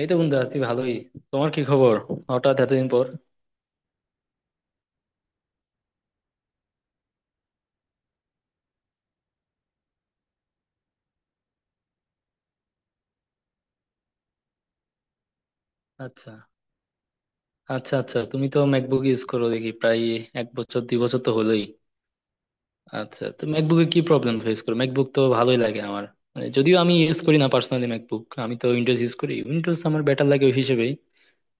এই তো বন্ধু আছি ভালোই। তোমার কি খবর? হঠাৎ এতদিন পর। আচ্ছা। আচ্ছা আচ্ছা, তুমি তো ম্যাকবুক ইউজ করো দেখি প্রায় এক বছর দুই বছর তো হলোই। আচ্ছা, তো ম্যাকবুকে কি প্রবলেম ফেস করো? ম্যাকবুক তো ভালোই লাগে আমার, মানে যদিও আমি ইউজ করি না পার্সোনালি ম্যাকবুক, আমি তো উইন্ডোজ ইউজ করি, উইন্ডোজ আমার বেটার লাগে ওই হিসেবেই।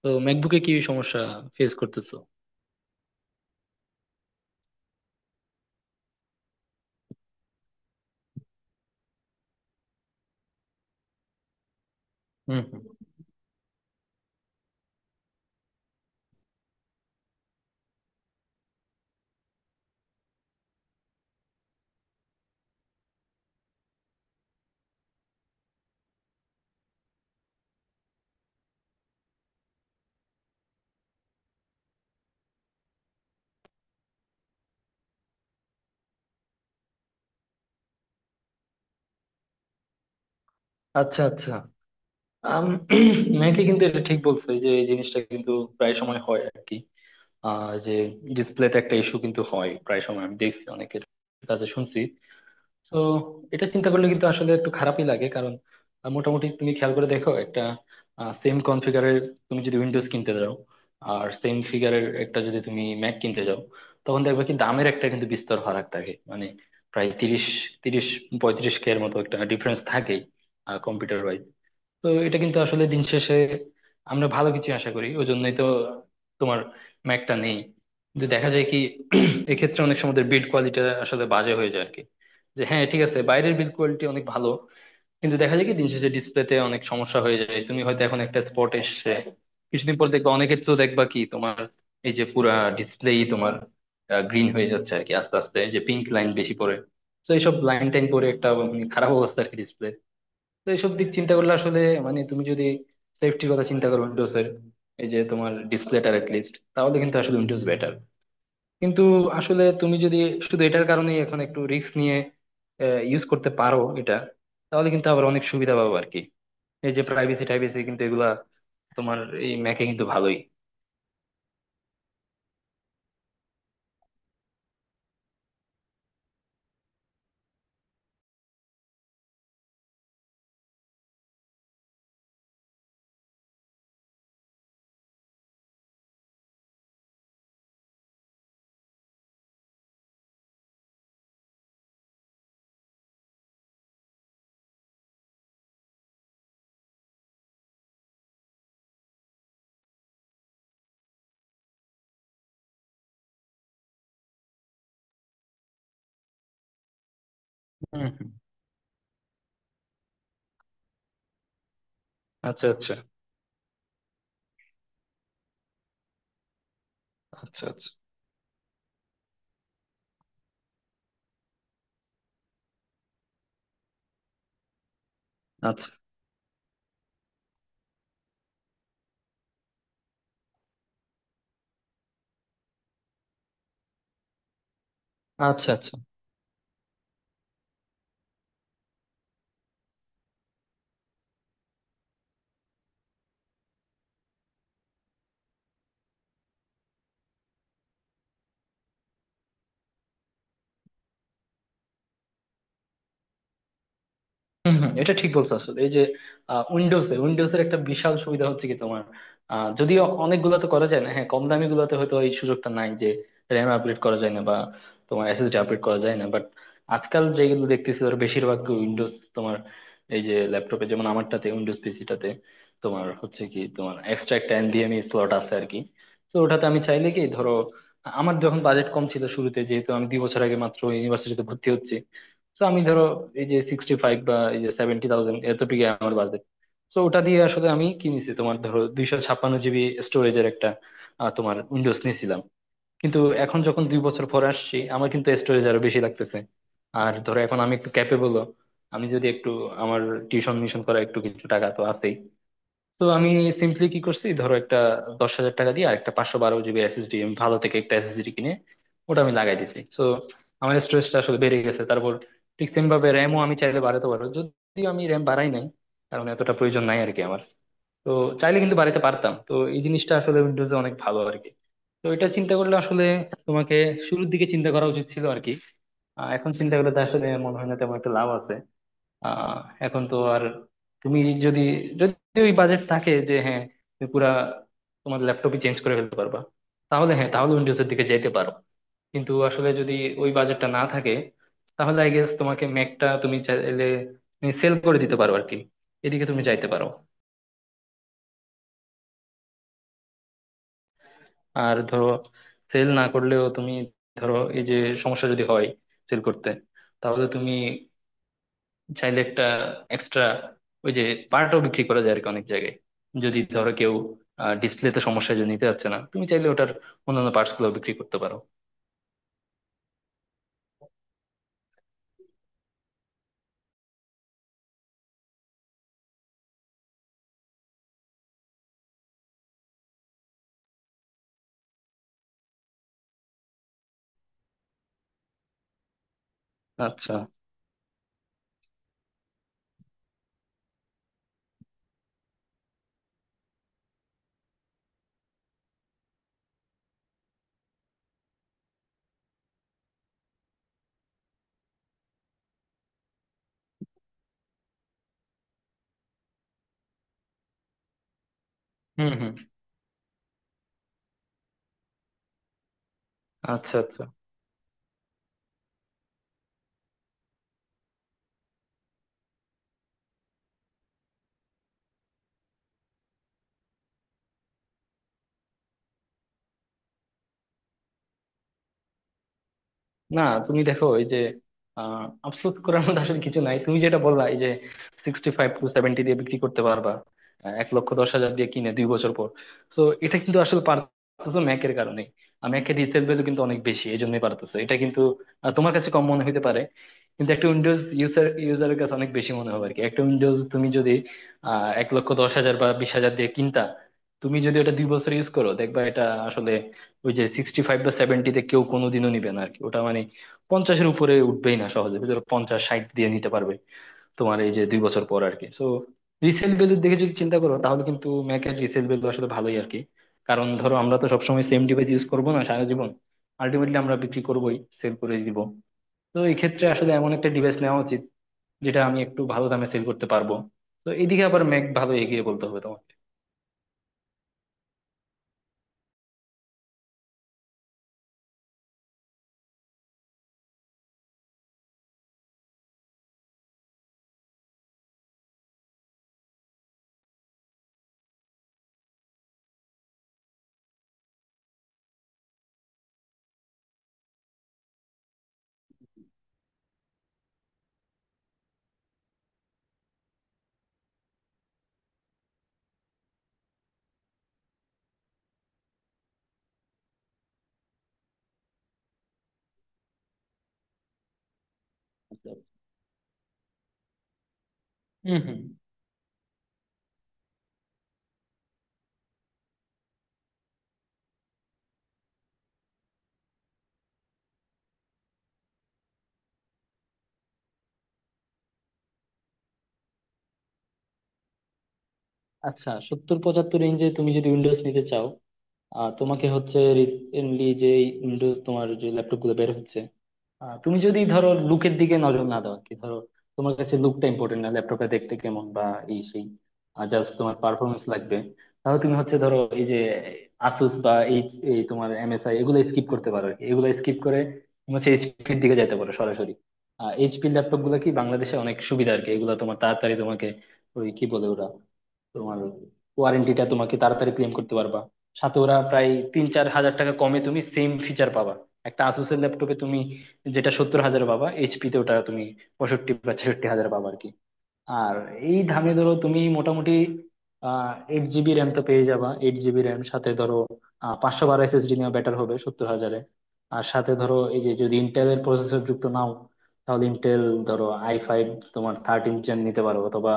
তো ম্যাকবুকে কি সমস্যা ফেস করতেছো? হুম হুম। আচ্ছা আচ্ছা। আম, ম্যাকে কিন্তু এটা ঠিক বলছো, এই যে এই জিনিসটা কিন্তু প্রায় সময় হয় আর কি। যে ডিসপ্লেতে একটা ইস্যু কিন্তু হয় প্রায় সময়, আমি দেখছি অনেকের কাছে শুনছি। তো এটা চিন্তা করলে কিন্তু আসলে একটু খারাপই লাগে, কারণ মোটামুটি তুমি খেয়াল করে দেখো একটা সেম কনফিগারের, তুমি যদি উইন্ডোজ কিনতে যাও আর সেম ফিগারের একটা যদি তুমি ম্যাক কিনতে যাও, তখন দেখবে কি দামের একটা কিন্তু বিস্তর ফারাক থাকে, মানে প্রায় তিরিশ তিরিশ পঁয়ত্রিশ কে এর মতো একটা ডিফারেন্স থাকেই কম্পিউটার ওয়াইজ। তো এটা কিন্তু আসলে দিন শেষে আমরা ভালো কিছু আশা করি ওই জন্যই তো তোমার ম্যাকটা নেই, যে দেখা যায় কি এক্ষেত্রে অনেক সময় বিল্ড কোয়ালিটি আসলে বাজে হয়ে যায় আর কি। যে হ্যাঁ ঠিক আছে, বাইরের বিল্ড কোয়ালিটি অনেক ভালো, কিন্তু দেখা যায় কি দিন শেষে ডিসপ্লেতে অনেক সমস্যা হয়ে যায়, তুমি হয়তো এখন একটা স্পট এসছে, কিছুদিন পর দেখবা, অনেকের তো দেখবা কি তোমার এই যে পুরা ডিসপ্লেই তোমার গ্রিন হয়ে যাচ্ছে আর কি আস্তে আস্তে, যে পিঙ্ক লাইন বেশি পড়ে। তো এইসব লাইন টাইন পরে একটা মানে খারাপ অবস্থা আর কি ডিসপ্লে। তো এইসব দিক চিন্তা করলে আসলে মানে তুমি যদি সেফটির কথা চিন্তা করো উইন্ডোজ এর এই যে তোমার ডিসপ্লেটার লিস্ট, তাহলে কিন্তু আসলে উইন্ডোজ বেটার। কিন্তু আসলে তুমি যদি শুধু এটার কারণেই এখন একটু রিস্ক নিয়ে ইউজ করতে পারো এটা, তাহলে কিন্তু আবার অনেক সুবিধা পাবো আর কি, এই যে প্রাইভেসি টাইভেসি কিন্তু এগুলা তোমার এই ম্যাকে কিন্তু ভালোই। হুম হুম। আচ্ছা আচ্ছা। আচ্ছা আচ্ছা। আচ্ছা আচ্ছা। আচ্ছা। হম হম, এটা ঠিক বলছো আসলে, এই যে উইন্ডোজে উইন্ডোজের একটা বিশাল সুবিধা হচ্ছে কি তোমার, যদিও অনেকগুলোতে করা যায় না, হ্যাঁ কম দামি গুলোতে হয়তো এই সুযোগটা নাই যে র্যাম আপগ্রেড করা যায় না বা তোমার এসএসডি আপগ্রেড করা যায় না, বাট আজকাল যেগুলো দেখতেছি ধর বেশিরভাগ উইন্ডোজ, তোমার এই যে ল্যাপটপে যেমন আমারটাতে উইন্ডোজ পিসিটাতে তোমার হচ্ছে কি তোমার এক্সট্রা একটা এনভিএমই স্লট আছে আর কি। তো ওটাতে আমি চাইলে কি ধরো আমার যখন বাজেট কম ছিল শুরুতে, যেহেতু আমি 2 বছর আগে মাত্র ইউনিভার্সিটিতে ভর্তি হচ্ছি, তো আমি ধরো এই যে 65 বা এই যে 70,000 এতটুকু আমার বাজেট, তো ওটা দিয়ে আসলে আমি কিনেছি তোমার ধরো 256 জিবি স্টোরেজের একটা তোমার উইন্ডোজ নিয়েছিলাম। কিন্তু এখন যখন দুই বছর পরে আসছি আমার কিন্তু স্টোরেজ আরো বেশি লাগতেছে। আর ধরো এখন আমি একটু ক্যাপেবল, আমি যদি একটু আমার টিউশন মিশন করা একটু কিছু টাকা তো আছেই, তো আমি সিম্পলি কি করছি ধরো একটা 10,000 টাকা দিয়ে আর একটা 512 জিবি এসএসডি আমি ভালো থেকে একটা এসএসডি কিনে ওটা আমি লাগাই দিছি, তো আমার স্টোরেজটা আসলে বেড়ে গেছে। তারপর ঠিক সেম ভাবে র্যামও আমি চাইলে বাড়াতে পারবো, যদি আমি র্যাম বাড়াই নাই কারণ এতটা প্রয়োজন নাই আর কি আমার, তো চাইলে কিন্তু বাড়াতে পারতাম। তো এই জিনিসটা আসলে উইন্ডোজে অনেক ভালো আর কি। তো এটা চিন্তা করলে আসলে তোমাকে শুরুর দিকে চিন্তা করা উচিত ছিল আর কি। এখন চিন্তা করলে তো আসলে মনে হয় না তেমন একটা লাভ আছে। আহ এখন তো আর তুমি যদি যদি ওই বাজেট থাকে যে হ্যাঁ তুমি পুরা তোমার ল্যাপটপই চেঞ্জ করে ফেলতে পারবা, তাহলে হ্যাঁ, তাহলে উইন্ডোজের দিকে যেতে পারো। কিন্তু আসলে যদি ওই বাজেটটা না থাকে, তাহলে আই গেস তোমাকে ম্যাকটা তুমি চাইলে সেল করে দিতে পারো আর কি, এদিকে তুমি যাইতে পারো। আর ধরো সেল না করলেও তুমি ধরো এই যে সমস্যা যদি হয় সেল করতে, তাহলে তুমি চাইলে একটা এক্সট্রা ওই যে পার্টও বিক্রি করা যায় আর কি অনেক জায়গায়। যদি ধরো কেউ ডিসপ্লেতে সমস্যায় জন্য নিতে পারছে না, তুমি চাইলে ওটার অন্যান্য পার্টস গুলো বিক্রি করতে পারো। আচ্ছা। হুম হুম। আচ্ছা আচ্ছা। না তুমি দেখো এই যে আফসোস করার মধ্যে আসলে কিছু নাই, তুমি যেটা বললা এই যে 65-70 দিয়ে বিক্রি করতে পারবা, 1,10,000 দিয়ে কিনে দুই বছর পর, তো এটা কিন্তু আসলে পারতেছো ম্যাকের কারণে, ম্যাকের রিসেল ভ্যালু কিন্তু অনেক বেশি এই জন্যই পারতেছো এটা কিন্তু। তোমার কাছে কম মনে হতে পারে, কিন্তু একটা উইন্ডোজ ইউজারের কাছে অনেক বেশি মনে হবে আর কি, একটা উইন্ডোজ তুমি যদি 1,10,000 বা 20 হাজার দিয়ে কিনতা, তুমি যদি ওটা 2 বছর ইউজ করো দেখবা এটা আসলে ওই যে 65 বা সেভেন্টিতে কেউ কোনোদিনও নিবে না আরকি, ওটা মানে পঞ্চাশের উপরে উঠবেই না সহজে, ধরো পঞ্চাশ ষাট দিয়ে নিতে পারবে তোমার এই যে 2 বছর পর আরকি। সো রিসেল ভ্যালুর দিকে যদি চিন্তা করো তাহলে কিন্তু ম্যাকের রিসেল ভ্যালু আসলে ভালোই আরকি। কারণ ধরো আমরা তো সবসময় সেম ডিভাইস ইউজ করবো না সারা জীবন, আলটিমেটলি আমরা বিক্রি করবোই, সেল করে দিব। তো এই ক্ষেত্রে আসলে এমন একটা ডিভাইস নেওয়া উচিত যেটা আমি একটু ভালো দামে সেল করতে পারবো। তো এদিকে আবার ম্যাক ভালো এগিয়ে বলতে হবে তোমার। হুম হুম। আচ্ছা, 70-75 রেঞ্জে তুমি যদি উইন্ডোজ নিতে চাও, তোমাকে হচ্ছে রিসেন্টলি যে উইন্ডোজ তোমার যে ল্যাপটপ গুলো বের হচ্ছে, তুমি যদি ধরো লুকের দিকে নজর না দাও আর কি, ধরো তোমার কাছে লুকটা ইম্পর্টেন্ট না, ল্যাপটপটা দেখতে কেমন বা এই সেই, জাস্ট তোমার পারফরমেন্স লাগবে, তাহলে তুমি হচ্ছে ধরো এই যে আসুস বা এই এই তোমার এমএসআই এগুলো স্কিপ করতে পারো আর কি। এগুলো স্কিপ করে তুমি হচ্ছে এইচপির দিকে যেতে পারো সরাসরি। এইচপির ল্যাপটপ গুলো কি বাংলাদেশে অনেক সুবিধা আর কি, এগুলো তোমার তাড়াতাড়ি তোমাকে ওই কি বলে ওরা, তোমার ওয়ারেন্টিটা তোমাকে তাড়াতাড়ি ক্লেম করতে পারবা। সাথে ওরা প্রায় 3-4 হাজার টাকা কমে তুমি সেম ফিচার পাবা। একটা আসুসের ল্যাপটপে তুমি যেটা 70,000 পাবা, এইচপি তে ওটা তুমি 65 বা 66 হাজার পাবা আর কি। আর এই দামে ধরো তুমি মোটামুটি এইট জিবি র্যাম তো পেয়ে যাবা, এইট জিবি র্যাম সাথে ধরো 512 এসএসডি নেওয়া বেটার হবে 70 হাজারে। আর সাথে ধরো এই যে যদি ইন্টেলের প্রসেসর যুক্ত নাও, তাহলে ইন্টেল ধরো i5 তোমার 13 জেন নিতে পারো, অথবা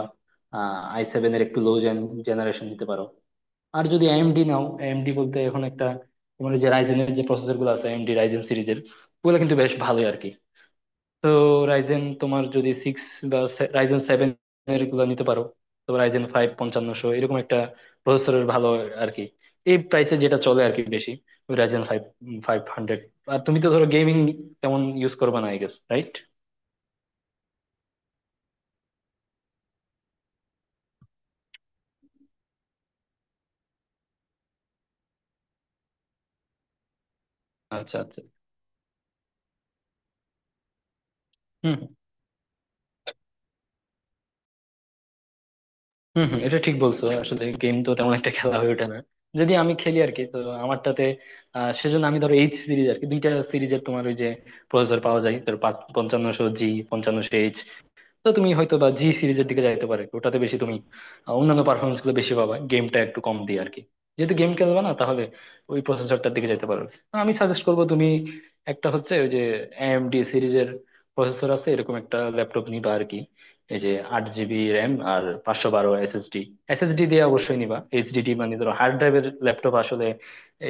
i7 এর একটু লো জেন জেনারেশন নিতে পারো। আর যদি এএমডি নাও, এএমডি বলতে এখন একটা তোমার এই যে রাইজেন এর যে প্রসেসর গুলো আছে, এএমডি রাইজেন সিরিজের ওগুলো কিন্তু বেশ ভালোই আর কি। তো রাইজেন তোমার যদি সিক্স বা Ryzen 7 এর গুলো নিতে পারো। তো Ryzen 5 5500 এরকম একটা প্রসেসরের ভালো আর কি এই প্রাইসে যেটা চলে আর কি বেশি, ওই Ryzen 5 500। আর তুমি তো ধরো গেমিং তেমন ইউজ করবে না আই গেস, রাইট? আচ্ছা আচ্ছা। হুম হুম হুম, এটা ঠিক বলছো আসলে গেম তো তেমন একটা খেলা হয়ে ওঠে না যদি আমি খেলি আর কি, তো আমারটাতে সেজন্য আমি ধরো এইচ সিরিজ আর কি দুইটা সিরিজের তোমার ওই যে প্রসেসর পাওয়া যায় ধরো 5500G 5500H, তো তুমি হয়তো বা জি সিরিজের দিকে যাইতে পারো একটু। ওটাতে বেশি তুমি অন্যান্য পারফরমেন্স গুলো বেশি পাবা গেমটা একটু কম দিয়ে আর কি। যেহেতু গেম খেলবা না, তাহলে ওই প্রসেসরটার দিকে যাইতে পারো। আমি সাজেস্ট করবো তুমি একটা হচ্ছে ওই যে এএমডি সিরিজের প্রসেসর আছে এরকম একটা ল্যাপটপ নিবা আর কি, এই যে আট জিবি র্যাম আর 512 এসএসডি। এসএসডি দিয়ে অবশ্যই নিবা, এইচডিডি মানে ধরো হার্ড ড্রাইভের ল্যাপটপ আসলে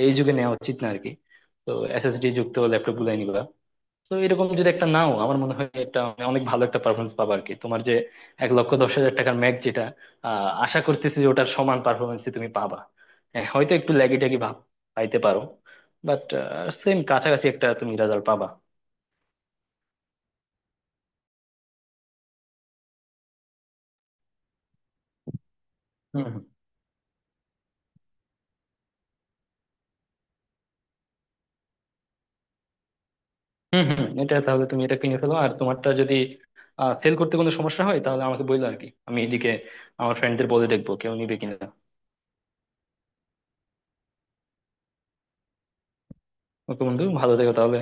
এই যুগে নেওয়া উচিত না আর কি, তো এসএসডি যুক্ত ল্যাপটপ গুলাই নিবা। তো এরকম যদি একটা নাও আমার মনে হয় একটা অনেক ভালো একটা পারফরমেন্স পাবো আর কি। তোমার যে 1,10,000 টাকার ম্যাচ যেটা, আশা করতেছি যে ওটার সমান পারফরমেন্সই তুমি পাবা। হ্যাঁ হয়তো একটু ল্যাগি ট্যাগি ভাব পাইতে পারো, বাট সেম কাছাকাছি একটা তুমি রেজাল্ট পাবা। হুম হুম। হুম হুম, এটা তাহলে তুমি এটা কিনে ফেলো, আর তোমারটা যদি সেল করতে কোনো সমস্যা হয় তাহলে আমাকে বললো আর কি, আমি এদিকে আমার ফ্রেন্ডদের বলে দেখবো কেউ নিবে কিনা। ওকে বন্ধু, ভালো থেকো তাহলে।